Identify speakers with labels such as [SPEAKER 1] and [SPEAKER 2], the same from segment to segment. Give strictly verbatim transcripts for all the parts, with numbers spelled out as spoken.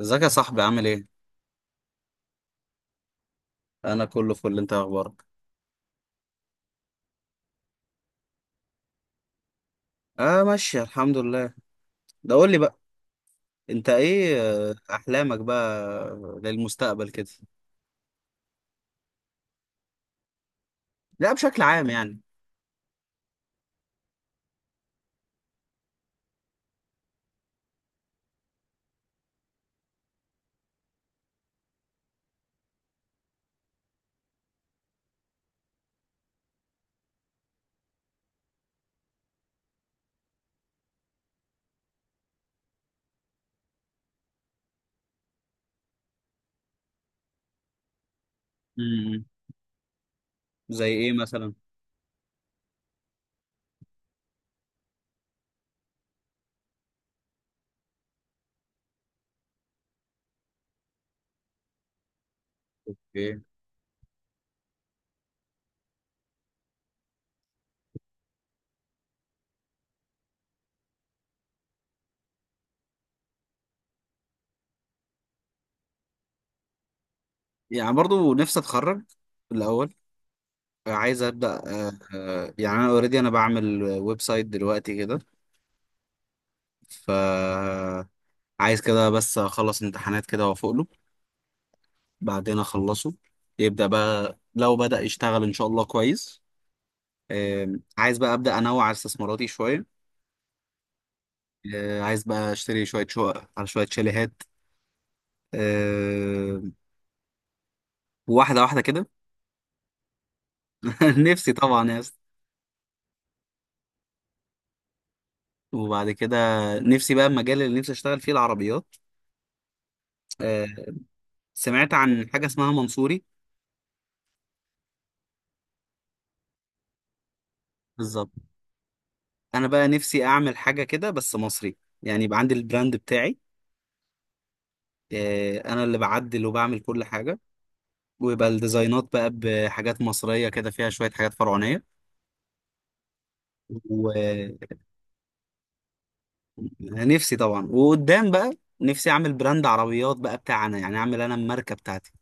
[SPEAKER 1] ازيك يا صاحبي، عامل ايه؟ انا كله فل. انت إيه اخبارك؟ اه، ماشي الحمد لله. ده قول لي بقى، انت ايه آه، احلامك بقى للمستقبل كده؟ لا، بشكل عام يعني. امم. زي ايه مثلا؟ ايه؟ يعني برضو نفسي اتخرج الاول. عايز ابدا. آه آه، يعني انا اوريدي انا بعمل ويب سايت دلوقتي كده. ف عايز كده بس اخلص امتحانات كده وافوق له. بعدين اخلصه. يبدا بقى لو بدا يشتغل ان شاء الله كويس. آه، عايز بقى ابدا انوع على استثماراتي شويه. آه، عايز بقى اشتري شويه شقق على شويه شاليهات. آه، واحده واحده كده. نفسي طبعا يا اسطى. وبعد كده، نفسي بقى المجال اللي نفسي اشتغل فيه العربيات. آه، سمعت عن حاجه اسمها منصوري. بالظبط. انا بقى نفسي اعمل حاجه كده بس مصري، يعني يبقى عندي البراند بتاعي. آه، انا اللي بعدل وبعمل كل حاجه، ويبقى الديزاينات بقى بحاجات مصريه كده فيها شويه حاجات فرعونيه. نفسي طبعا، وقدام بقى نفسي اعمل براند عربيات بقى بتاعنا، يعني اعمل انا الماركه بتاعتي.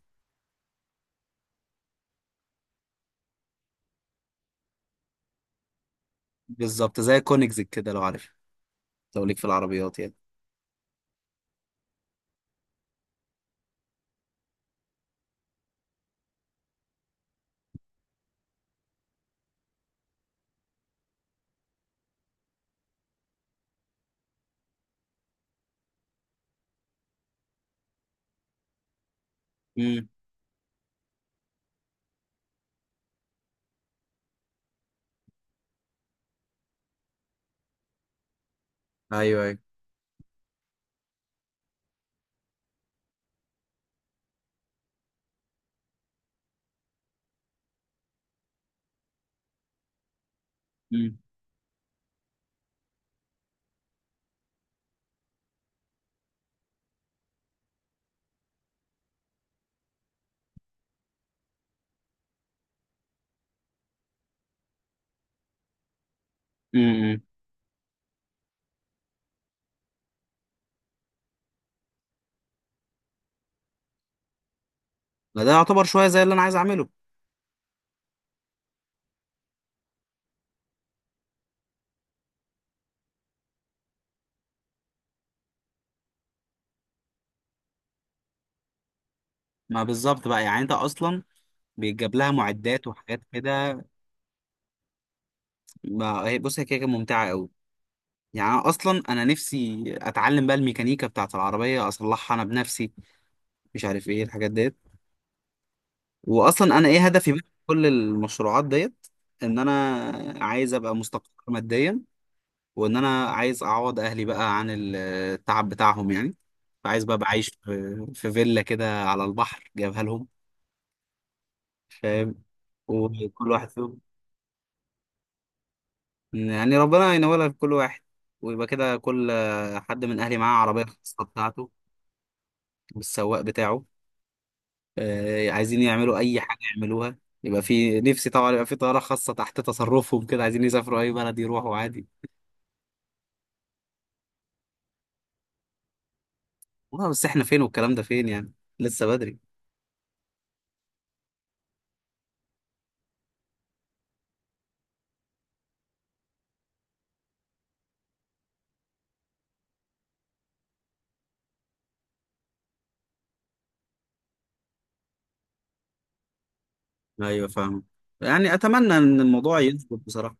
[SPEAKER 1] بالظبط زي كونيكزك كده لو عارف، لو ليك في العربيات يعني. امم. ايوه ايوه. امم. امم. ما ده يعتبر شويه زي اللي انا عايز اعمله. ما بالظبط بقى، يعني انت اصلا بيتجاب لها معدات وحاجات كده. ما هي بص، هي كده كده ممتعه قوي. يعني أنا اصلا انا نفسي اتعلم بقى الميكانيكا بتاعت العربيه اصلحها انا بنفسي، مش عارف ايه الحاجات دي. واصلا انا ايه هدفي بقى في كل المشروعات ديت؟ ان انا عايز ابقى مستقر ماديا، وان انا عايز اعوض اهلي بقى عن ال- التعب بتاعهم يعني. فعايز بقى ابقى عايش في في فيلا كده على البحر جايبها لهم، فاهم، وكل واحد فيهم، يعني ربنا ينولها لكل واحد. ويبقى كده كل حد من اهلي معاه عربيه الخاصه بتاعته، بالسواق بتاعه. آه، عايزين يعملوا اي حاجه يعملوها. يبقى في نفسي طبعا يبقى في طياره خاصه تحت تصرفهم كده، عايزين يسافروا اي بلد يروحوا عادي. والله، بس احنا فين والكلام ده فين يعني؟ لسه بدري. ايوه فاهم، يعني اتمنى ان الموضوع يظبط بصراحه.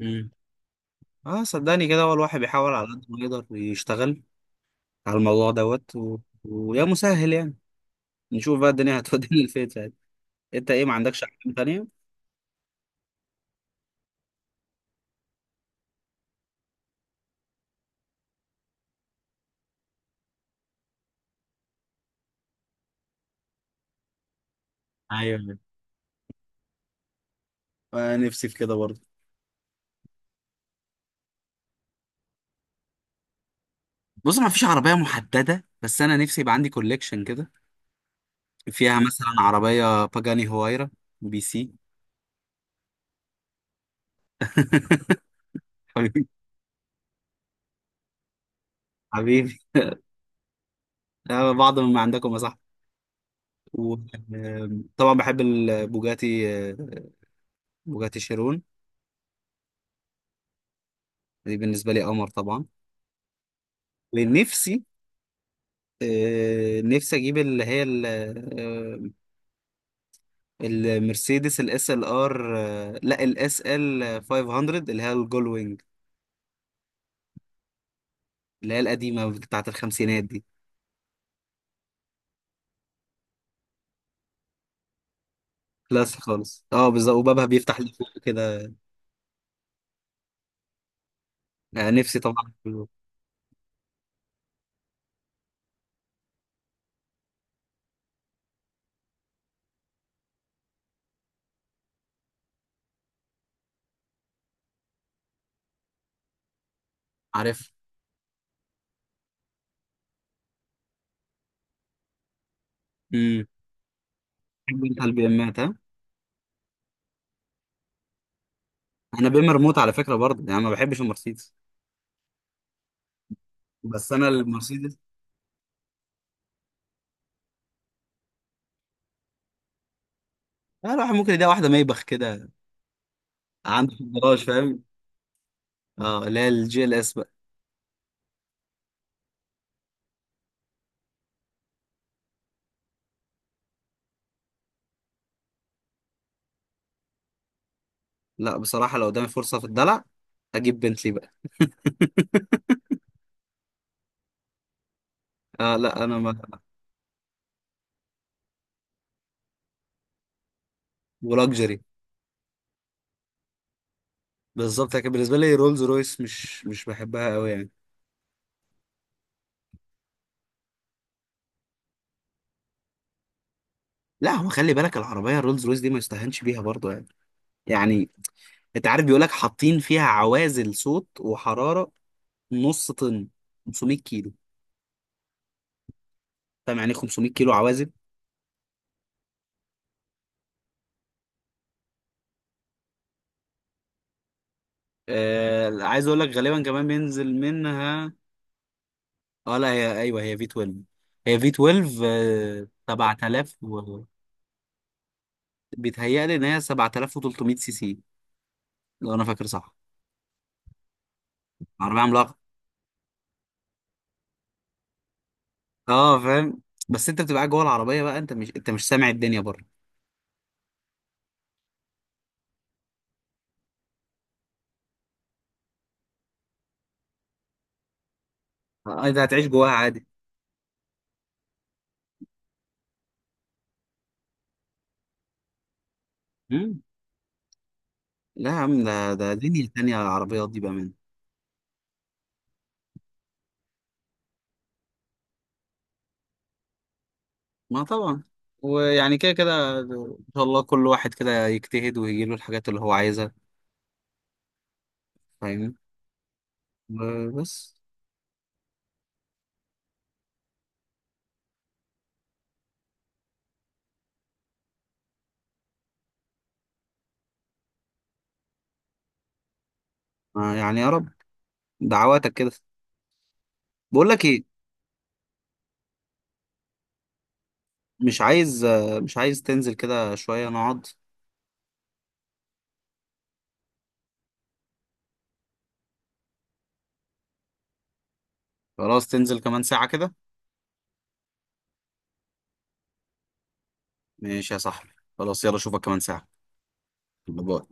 [SPEAKER 1] امم. اه، صدقني كده هو الواحد بيحاول على قد ما يقدر يشتغل على الموضوع دوت و. ويا مسهل يعني، نشوف بقى الدنيا هتودينا لفين يعني. انت ايه، ما عندكش احلام تانية؟ ايوه. آه، نفسي في كده برضه. بص، ما فيش عربيه محدده، بس انا نفسي يبقى عندي كوليكشن كده فيها مثلا عربية باجاني هوايرا، بي سي. حبيبي. حبيبي. آه، بعض من عندكم يا صاحبي. وطبعا بحب البوجاتي، آه، بوجاتي شيرون. دي بالنسبة لي قمر طبعا. ونفسي آه، نفسي اجيب اللي هي ال- آه، المرسيدس الاس ال ار، آه، لا الاس ال خمسمية اللي هي الجولوينج، اللي هي القديمة بتاعت الخمسينات دي. كلاس خالص، اه بالظبط، وبابها بيفتح لفوق كده. آه، نفسي طبعا. عارف. بحب انت البي امات، ها؟ انا بي ام، إيه ريموت على فكره برضه، يعني ما بحبش المرسيدس. بس انا المرسيدس، لا الواحد ممكن يلاقي واحده ميبخ كده عنده في الجراج، فاهم. اه، اللي هي الجي ال اس بقى. لا بصراحه، لو قدامي فرصه في الدلع اجيب بنتلي بقى. اه لا، انا ما. ولاكجري. بالظبط، لكن بالنسبه لي رولز رويس مش مش بحبها قوي يعني. لا، هو خلي بالك العربيه الرولز رويس دي ما يستهانش بيها برضه يعني. يعني. انت عارف، بيقول لك حاطين فيها عوازل صوت وحراره، نص طن، خمسمية كيلو. فاهم يعني إيه خمسمائة كيلو عوازل؟ آه عايز اقول لك غالبا كمان بينزل منها. اه، لا هي ايوه، هي في اتناشر، هي في اتناشر آه سبعة آلاف و. بيتهيألي ان هي سبعة آلاف وتلتمية سي سي، لو انا فاكر صح. عربيه عملاقه. اه، فاهم. بس انت بتبقى قاعد جوه العربيه بقى، انت مش انت مش سامع الدنيا بره. آه، انت هتعيش جواها عادي. مم. لا يا عم، ده ده دنيا تانية، العربيات دي بأمان. ما طبعا. ويعني كده كده إن شاء الله كل واحد كده يجتهد ويجيله الحاجات اللي هو عايزها، فاهمني، وبس. آه، يعني يا رب، دعواتك كده. بقول لك ايه؟ مش عايز آه، مش عايز تنزل كده شوية نقعد؟ خلاص، تنزل كمان ساعة كده؟ ماشي يا صاحبي. خلاص، يلا اشوفك كمان ساعة. باي